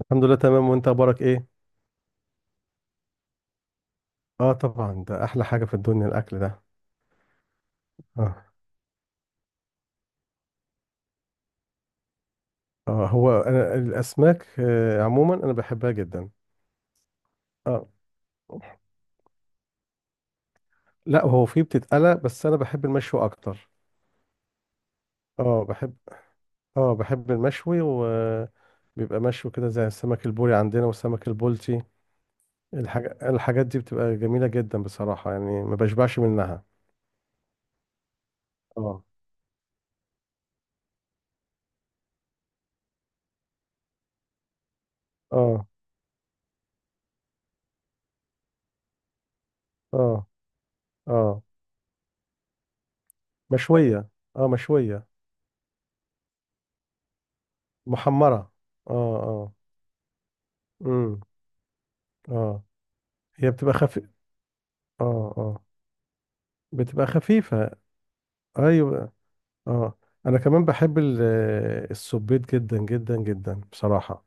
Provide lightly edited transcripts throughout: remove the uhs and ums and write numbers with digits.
الحمد لله، تمام. وانت اخبارك ايه؟ اه، طبعا ده احلى حاجه في الدنيا الاكل ده. اه. آه، هو انا الاسماك عموما انا بحبها جدا. اه، لا، هو في بتتقلى بس انا بحب المشوي اكتر. اه، بحب. اه، بحب المشوي وبيبقى مشوي كده، زي السمك البوري عندنا والسمك البلطي. الحاجات دي بتبقى جميله جدا بصراحه، يعني ما بشبعش منها. اه، اه، اه، اه. مشويه. اه، مشويه. محمره. اه، اه. امم. اه. هي بتبقى خفيف. اه، اه. بتبقى خفيفة. ايوه. اه. انا كمان بحب السبيط جدا جدا جدا بصراحة.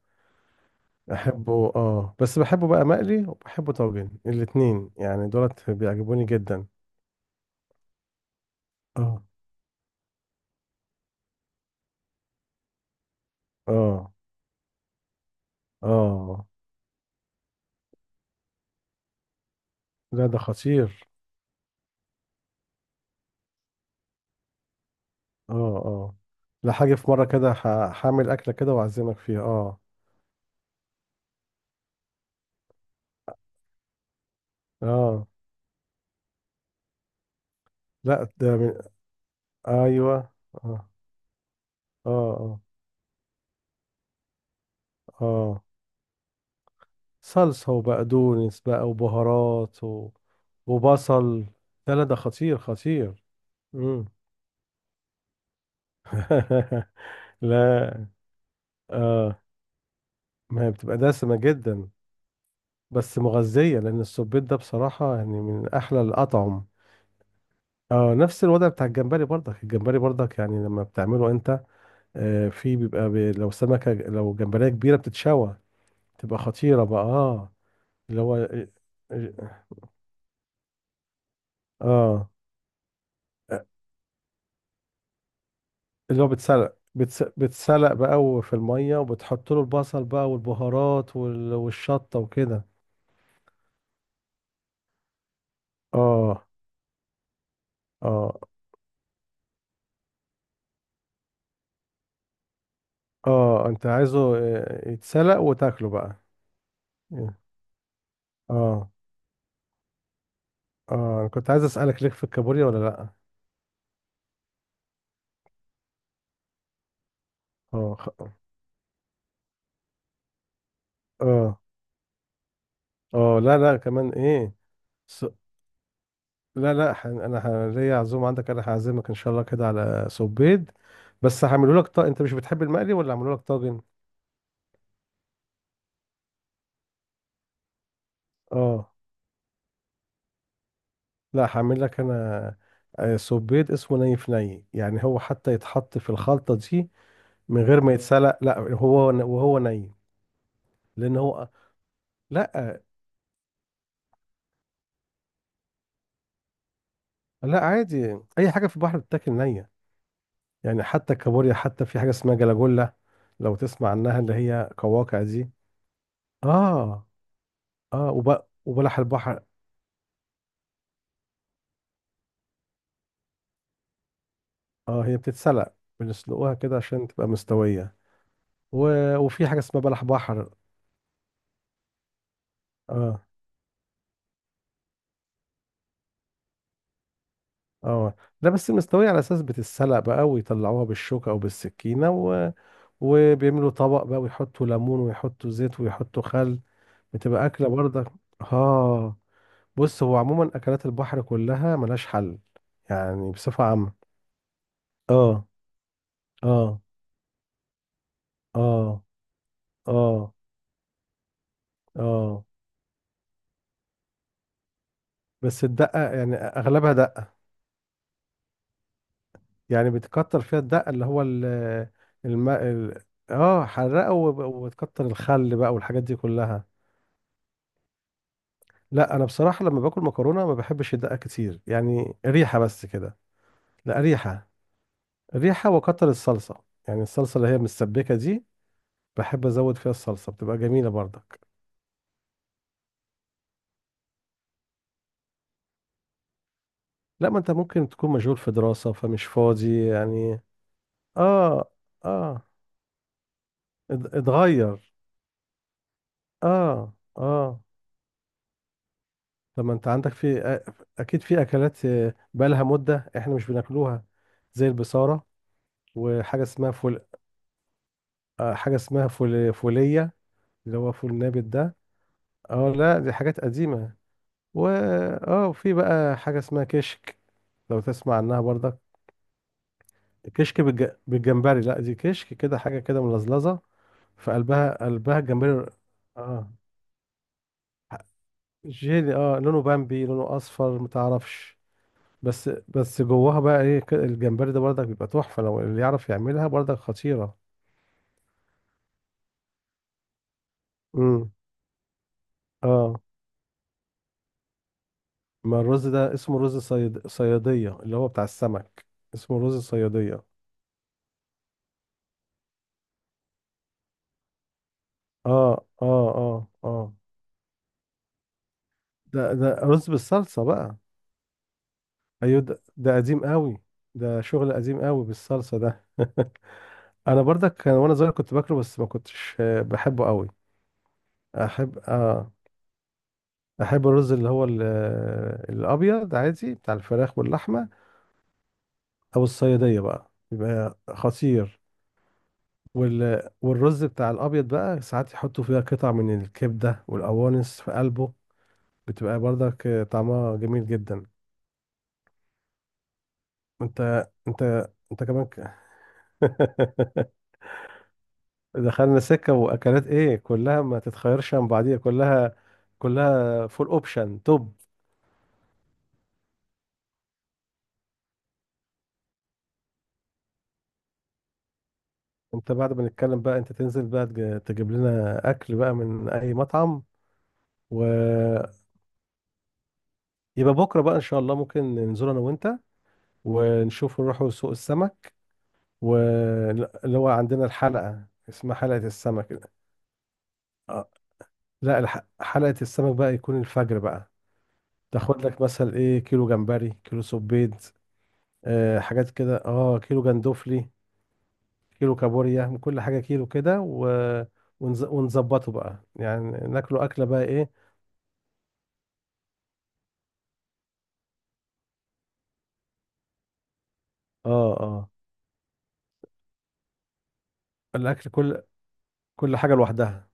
احبه، اه، بس بحبه بقى مقلي وبحبه طاجن، الاتنين يعني دولت بيعجبوني جدا. اه، اه، اه. لا، ده خطير. اه، اه. لا، حاجة في مرة كده هعمل أكلة كده وأعزمك فيها، اه. اه. لا، ده من. ايوه. اه، اه، اه، اه. صلصة وبقدونس بقى وبهارات وبصل. لا، لا، ده خطير خطير. مم. لا، آه. ما هي بتبقى دسمة جدا. بس مغذية، لأن السبيط ده بصراحة يعني من أحلى الأطعم. آه، نفس الوضع بتاع الجمبري برضك يعني لما بتعمله أنت. آه، في بيبقى لو سمكة، لو جمبرية كبيرة بتتشوى. تبقى خطيرة بقى، آه. اللي هو آه. آه. اللي هو بيتسلق، بتسلق بقى في المية، وبتحط له البصل بقى والبهارات والشطة وكده. اه، اه. اه، انت عايزه، يتسلق وتاكله بقى. اه، اه، انا كنت عايز اسألك، ليك في الكابوريا ولا لا؟ اه. اه، اه. لا، لا، كمان ايه س... لا، لا. ليا عزومة عندك، انا هعزمك ان شاء الله كده على سبيد. بس هعمله لك انت مش بتحب المقلي ولا هعمله لك طاجن؟ اه، لا، هعمل لك انا. آه، سوبيت اسمه ني في ني، يعني هو حتى يتحط في الخلطة دي. من غير ما يتسلق، لا هو. وهو ني. لان هو. لا. لا، عادي اي حاجة في البحر بتاكل نية. يعني حتى الكابوريا، حتى في حاجة اسمها جلاجولا. لو تسمع عنها، اللي هي قواقع دي. اه. اه، وبلح البحر. اه، هي بتتسلق. بنسلقوها كده عشان تبقى مستوية و... وفي حاجة اسمها بلح بحر. اه. اه، لا، بس مستوية على اساس بتتسلق بقى، ويطلعوها بالشوكة او بالسكينة. وبيعملوا طبق بقى، ويحطوا ليمون، ويحطوا زيت، ويحطوا خل. بتبقى اكلة برضك. اه. بص، هو عموما اكلات البحر كلها ملهاش حل. يعني بصفة عامة. اه، اه، اه، اه. اه، بس الدقة يعني اغلبها دقة. يعني بتكتر فيها الدقة، اللي هو. الماء. اه، حرقة، وبتكتر الخل بقى والحاجات دي كلها. لا، انا بصراحه لما باكل مكرونه، ما بحبش الدقه كتير، يعني ريحه بس كده. لا، ريحه. ريحه وكتر الصلصه. يعني الصلصه اللي هي متسبكه دي. بحب ازود فيها الصلصه، بتبقى جميله برضك. لا، ما انت ممكن تكون مشغول في دراسه، فمش فاضي يعني. اه، اه، اتغير. اه، اه. طب، ما انت عندك في. اكيد في اكلات، بقالها مده احنا مش بناكلوها. زي البصاره. وحاجه اسمها فول. آه، حاجه اسمها فول فوليه. اللي هو فول نابت ده. اه، لا، دي حاجات قديمة. و اه وفي بقى حاجة اسمها كشك. لو تسمع عنها برضك. كشك بالجمبري، لا دي كشك كده، حاجة كده ملزلزة. في قلبها الجمبري. اه، جيلي، لونه بامبي، لونه اصفر، متعرفش. بس جواها بقى ايه الجمبري ده برضك بيبقى تحفة، لو اللي يعرف يعملها برضك خطيرة. امم. اه، ما الرز ده اسمه رز صيادية، اللي هو بتاع السمك. اسمه رز صيادية. اه، اه، اه، اه. ده رز بالصلصة بقى. ايوه، ده قديم قوي. ده شغل قديم قوي بالصلصة ده. انا برضك كان وانا صغير كنت باكله، بس ما كنتش بحبه قوي. احب، اه. احب الرز اللي هو الابيض عادي بتاع الفراخ واللحمه. او الصياديه بقى بيبقى خطير. والرز بتاع الابيض بقى، ساعات يحطوا فيها قطع من الكبده والقوانص في قلبه. بتبقى برضك، طعمها جميل جدا. انت كمان. دخلنا سكة واكلات ايه؟ كلها ما تتخيرش عن بعضيها، كلها. كلها فول اوبشن توب. انت بعد ما نتكلم بقى، انت تنزل بقى تجيب لنا اكل بقى من اي مطعم. ويبقى. بكرة بقى ان شاء الله ممكن ننزل انا وانت. ونشوف نروحوا سوق السمك. واللي هو عندنا الحلقة اسمها حلقة السمك. آه، لا، حلقة السمك بقى يكون الفجر بقى. تاخد لك مثلا ايه، كيلو جمبري، كيلو سبيط. آه، حاجات كده، كيلو جندوفلي. كيلو كابوريا، من كل حاجة كيلو كده. ونظبطه بقى، يعني ناكله أكلة بقى إيه. آه، آه. الأكل كل حاجة لوحدها.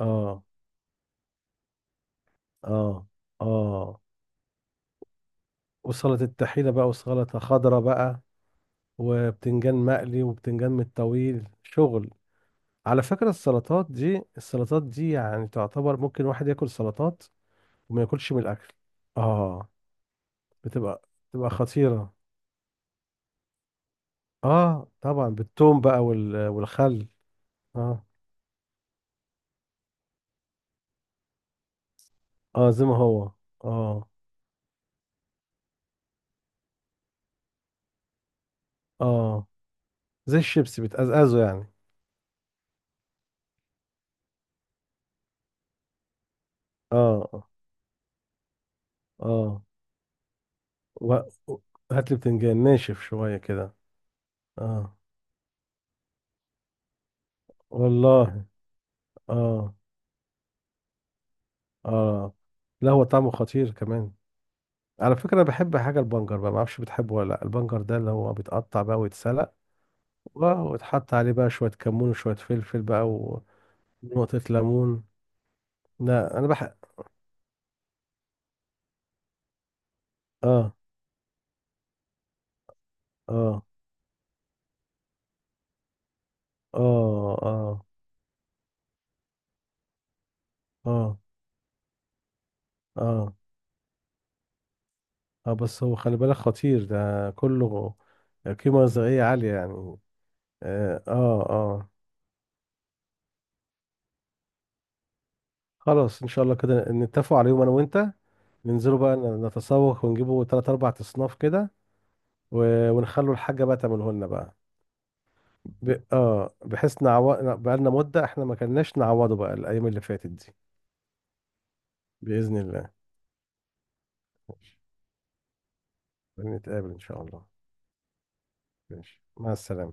آه، آه، آه. وسلطة الطحينة بقى، وسلطة خضراء بقى. وبتنجان مقلي، وبتنجان من الطويل شغل. على فكرة، السلطات دي، السلطات دي يعني تعتبر ممكن واحد ياكل سلطات. وما ياكلش من الأكل. آه. بتبقى بتبقى خطيرة. آه، طبعا بالثوم بقى والخل. آه، اه، زي ما هو. اه، اه. زي الشيبسي بتقزقزه يعني. اه، اه. و... و- هات لي بتنجان ناشف شوية كده. اه، والله. اه، اه، لا، هو طعمه خطير كمان. على فكرة، أنا بحب حاجة البنجر بقى، معرفش بتحبه ولا لا، البنجر ده اللي هو بيتقطع بقى ويتسلق. ويتحط عليه بقى شوية كمون وشوية فلفل بقى. ونقطة ليمون. لا، أنا بحب. اه، اه، اه، اه، اه، اه. اه، بس هو خلي بالك، خطير ده كله. قيمة غذائية عالية يعني. اه، اه، آه. خلاص، ان شاء الله كده نتفقوا عليهم انا وانت. ننزلوا بقى نتسوق ونجيبوا تلات اربع اصناف كده. ونخلوا الحاجة بقى تعمله لنا بقى. ب... اه بحيث بقى لنا مدة، احنا ما كناش نعوضه بقى الايام اللي فاتت دي. بإذن الله. ماشي. نتقابل ان شاء الله. ماشي، مع السلامة.